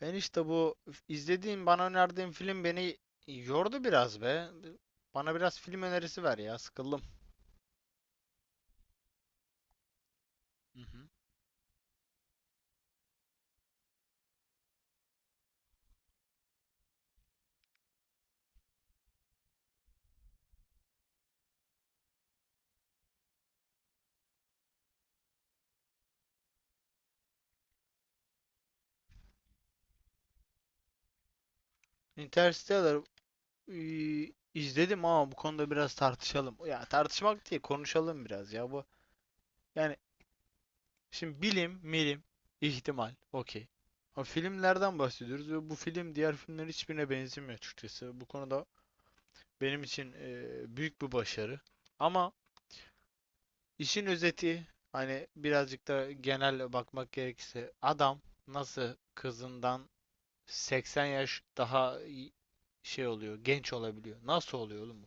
Ben işte bu izlediğim, bana önerdiğin film beni yordu biraz be. Bana biraz film önerisi ver ya, sıkıldım. Hı hı. Interstellar. İzledim ama bu konuda biraz tartışalım. Ya tartışmak değil, konuşalım biraz ya bu. Yani şimdi bilim, milim, ihtimal, okey. Ama filmlerden bahsediyoruz ve bu film diğer filmlerin hiçbirine benzemiyor açıkçası. Bu konuda benim için büyük bir başarı. Ama. İşin özeti, hani birazcık da genel bakmak gerekirse, adam nasıl kızından 80 yaş daha şey oluyor, genç olabiliyor. Nasıl oluyor oğlum bu?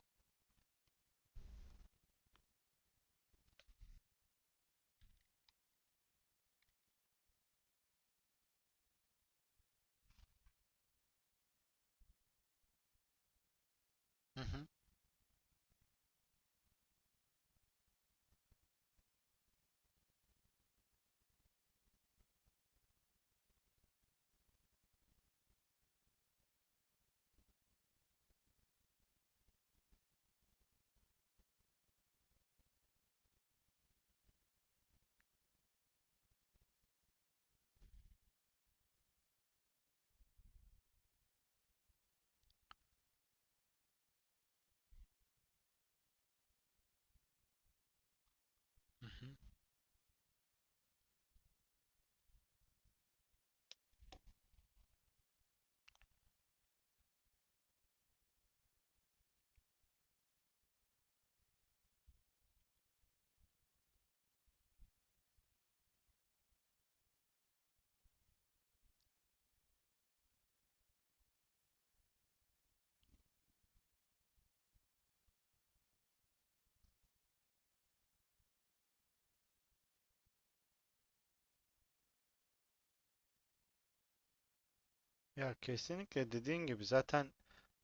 Hı hı, hı hı. Ya kesinlikle dediğin gibi zaten,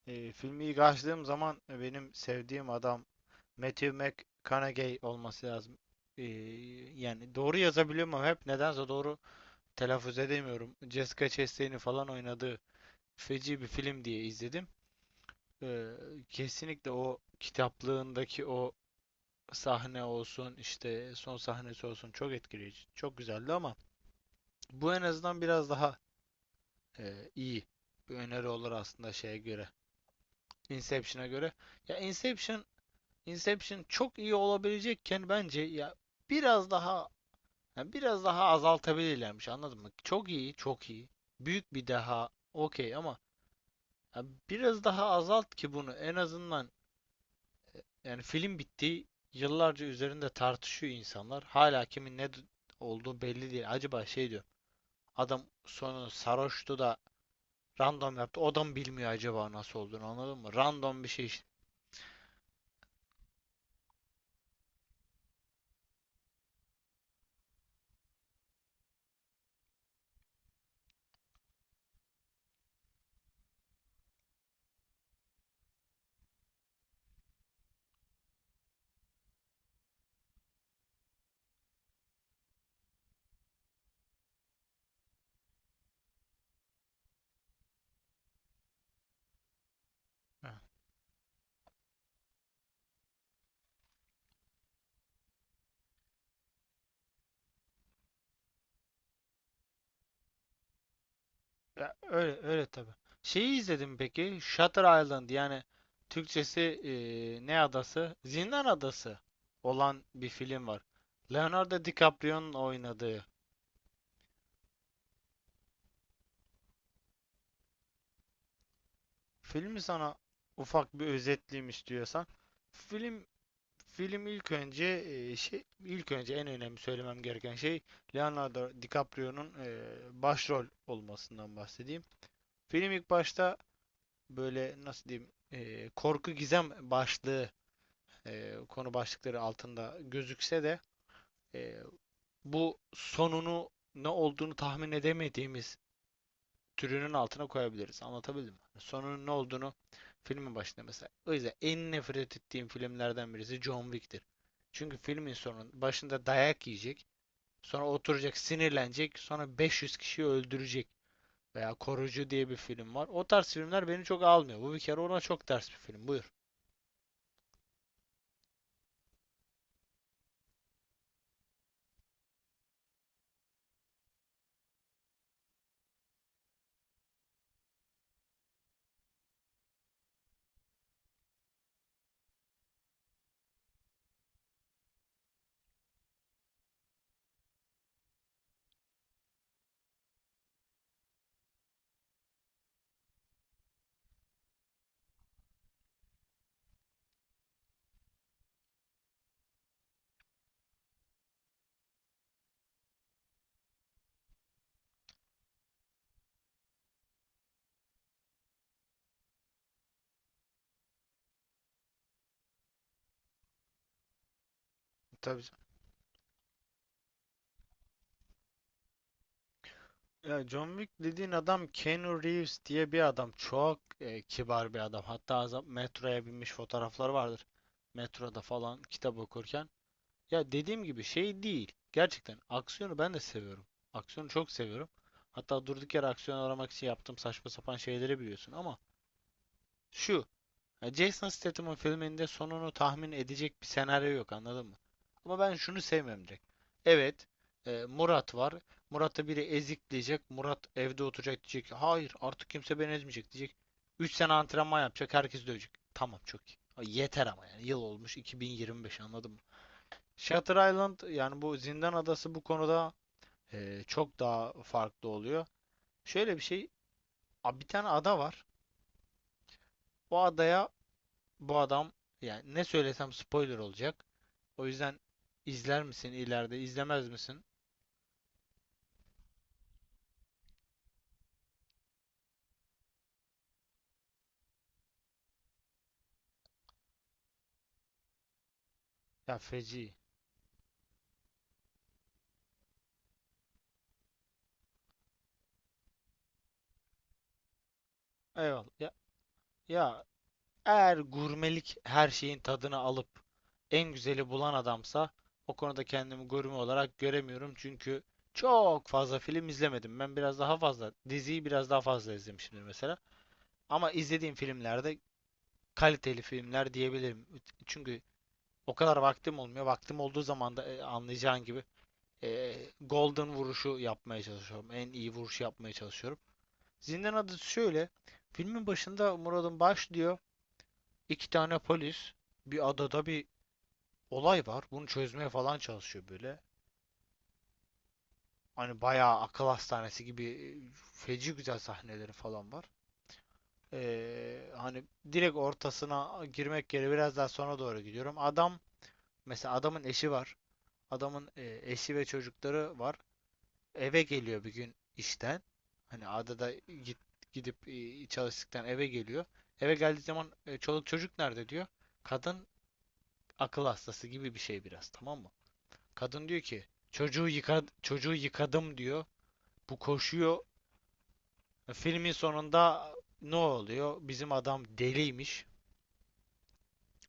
filmi ilk açtığım zaman benim sevdiğim adam Matthew McConaughey olması lazım. E, yani doğru yazabiliyorum ama hep nedense doğru telaffuz edemiyorum. Jessica Chastain'in falan oynadığı feci bir film diye izledim. Ee, Kesinlikle o kitaplığındaki o sahne olsun, işte son sahnesi olsun, çok etkileyici. Çok güzeldi ama bu en azından biraz daha iyi bir öneri olur aslında şeye göre. Inception'a göre. Ya Inception Inception çok iyi olabilecekken, bence biraz daha ya biraz daha azaltabilirlermiş, anladın mı? Çok iyi, çok iyi. Büyük bir daha okey ama ya biraz daha azalt ki bunu en azından. Yani film bitti. Yıllarca üzerinde tartışıyor insanlar. Hala kimin ne olduğu belli değil. Acaba şey diyor. Adam sonu sarhoştu da random yaptı. O da mı bilmiyor acaba nasıl olduğunu, anladın mı? Random bir şey işte. Ha. Ya öyle öyle tabii. Şeyi izledim peki. Shutter Island, yani Türkçesi ne adası? Zindan Adası olan bir film var. Leonardo DiCaprio'nun oynadığı. Filmi sana ufak bir özetleyeyim istiyorsan. Film Film. İlk önce en önemli söylemem gereken şey, Leonardo DiCaprio'nun başrol olmasından bahsedeyim. Film ilk başta, böyle nasıl diyeyim, korku gizem başlığı, konu başlıkları altında gözükse de e, bu, sonunu ne olduğunu tahmin edemediğimiz türünün altına koyabiliriz. Anlatabildim mi? Sonunun ne olduğunu filmin başında mesela. O yüzden en nefret ettiğim filmlerden birisi John Wick'tir. Çünkü filmin sonun başında dayak yiyecek. Sonra oturacak, sinirlenecek. Sonra 500 kişiyi öldürecek. Veya Korucu diye bir film var. O tarz filmler beni çok almıyor. Bu bir kere ona çok ters bir film. Buyur. Tabii. Ya, John Wick dediğin adam Keanu Reeves diye bir adam. Çok kibar bir adam. Hatta metroya binmiş fotoğrafları vardır. Metroda falan kitap okurken. Ya dediğim gibi şey değil. Gerçekten aksiyonu ben de seviyorum. Aksiyonu çok seviyorum. Hatta durduk yere aksiyon aramak için yaptığım saçma sapan şeyleri biliyorsun ama şu, ya Jason Statham'ın filminde sonunu tahmin edecek bir senaryo yok, anladın mı? Ama ben şunu sevmem direkt. Evet, Murat var. Murat'ı biri ezikleyecek. Murat evde oturacak, diyecek ki, hayır artık kimse beni ezmeyecek diyecek. 3 sene antrenman yapacak. Herkes dövecek. Tamam, çok iyi. Ay, yeter ama yani. Yıl olmuş 2025, anladın mı? Shutter Island, yani bu Zindan Adası, bu konuda çok daha farklı oluyor. Şöyle bir şey, bir tane ada var. O adaya bu adam, yani ne söylesem spoiler olacak. O yüzden izler misin ileride, izlemez misin? Ya feci. Eyvallah. Ya, eğer gurmelik her şeyin tadını alıp en güzeli bulan adamsa, o konuda kendimi gurme olarak göremiyorum. Çünkü çok fazla film izlemedim. Ben biraz daha fazla, diziyi biraz daha fazla izlemişimdir mesela. Ama izlediğim filmlerde kaliteli filmler diyebilirim. Çünkü o kadar vaktim olmuyor. Vaktim olduğu zaman da, anlayacağın gibi, golden vuruşu yapmaya çalışıyorum. En iyi vuruşu yapmaya çalışıyorum. Zindan Adası şöyle. Filmin başında Murad'ın başlıyor. İki tane polis, bir adada bir olay var. Bunu çözmeye falan çalışıyor böyle. Hani bayağı akıl hastanesi gibi, feci güzel sahneleri falan var. Hani direkt ortasına girmek yerine biraz daha sonra doğru gidiyorum. Mesela adamın eşi var. Adamın eşi ve çocukları var. Eve geliyor bir gün işten. Hani adada gidip çalıştıktan eve geliyor. Eve geldiği zaman çoluk çocuk nerede diyor. Kadın akıl hastası gibi bir şey biraz, tamam mı? Kadın diyor ki, çocuğu yıka, çocuğu yıkadım diyor. Bu koşuyor. Filmin sonunda ne oluyor? Bizim adam deliymiş.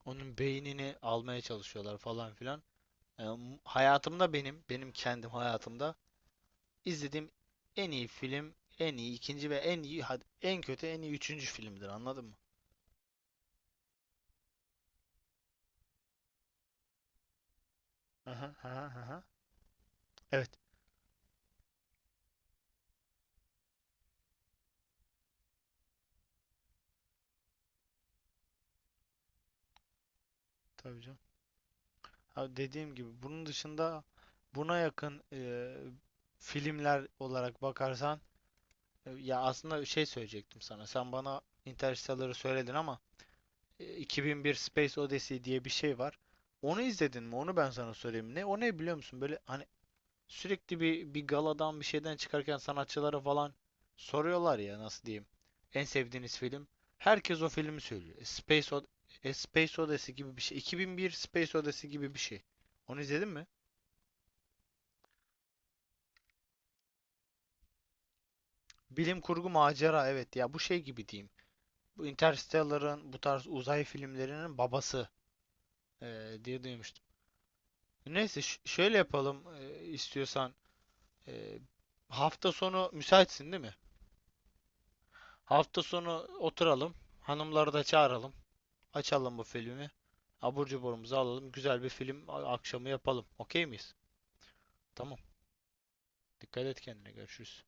Onun beynini almaya çalışıyorlar falan filan. E, Hayatımda, benim kendim hayatımda izlediğim en iyi film, en iyi ikinci ve en iyi, hadi en kötü, en iyi üçüncü filmdir. Anladın mı? Aha, aha, aha. Evet. Tabii canım. Ha, dediğim gibi bunun dışında, buna yakın filmler olarak bakarsan, ya aslında şey söyleyecektim sana. Sen bana Interstellar'ı söyledin ama 2001 Space Odyssey diye bir şey var. Onu izledin mi? Onu ben sana söyleyeyim. Ne o, ne biliyor musun? Böyle hani sürekli bir galadan, bir şeyden çıkarken sanatçılara falan soruyorlar ya, nasıl diyeyim. En sevdiğiniz film. Herkes o filmi söylüyor. Space Odyssey gibi bir şey. 2001 Space Odyssey gibi bir şey. Onu izledin mi? Bilim kurgu macera, evet ya, bu şey gibi diyeyim. Bu Interstellar'ın, bu tarz uzay filmlerinin babası diye duymuştum. Neyse şöyle yapalım istiyorsan. E, Hafta sonu müsaitsin değil mi? Hafta sonu oturalım. Hanımları da çağıralım. Açalım bu filmi. Abur cuburumuzu alalım. Güzel bir film akşamı yapalım. Okey miyiz? Tamam. Dikkat et kendine. Görüşürüz.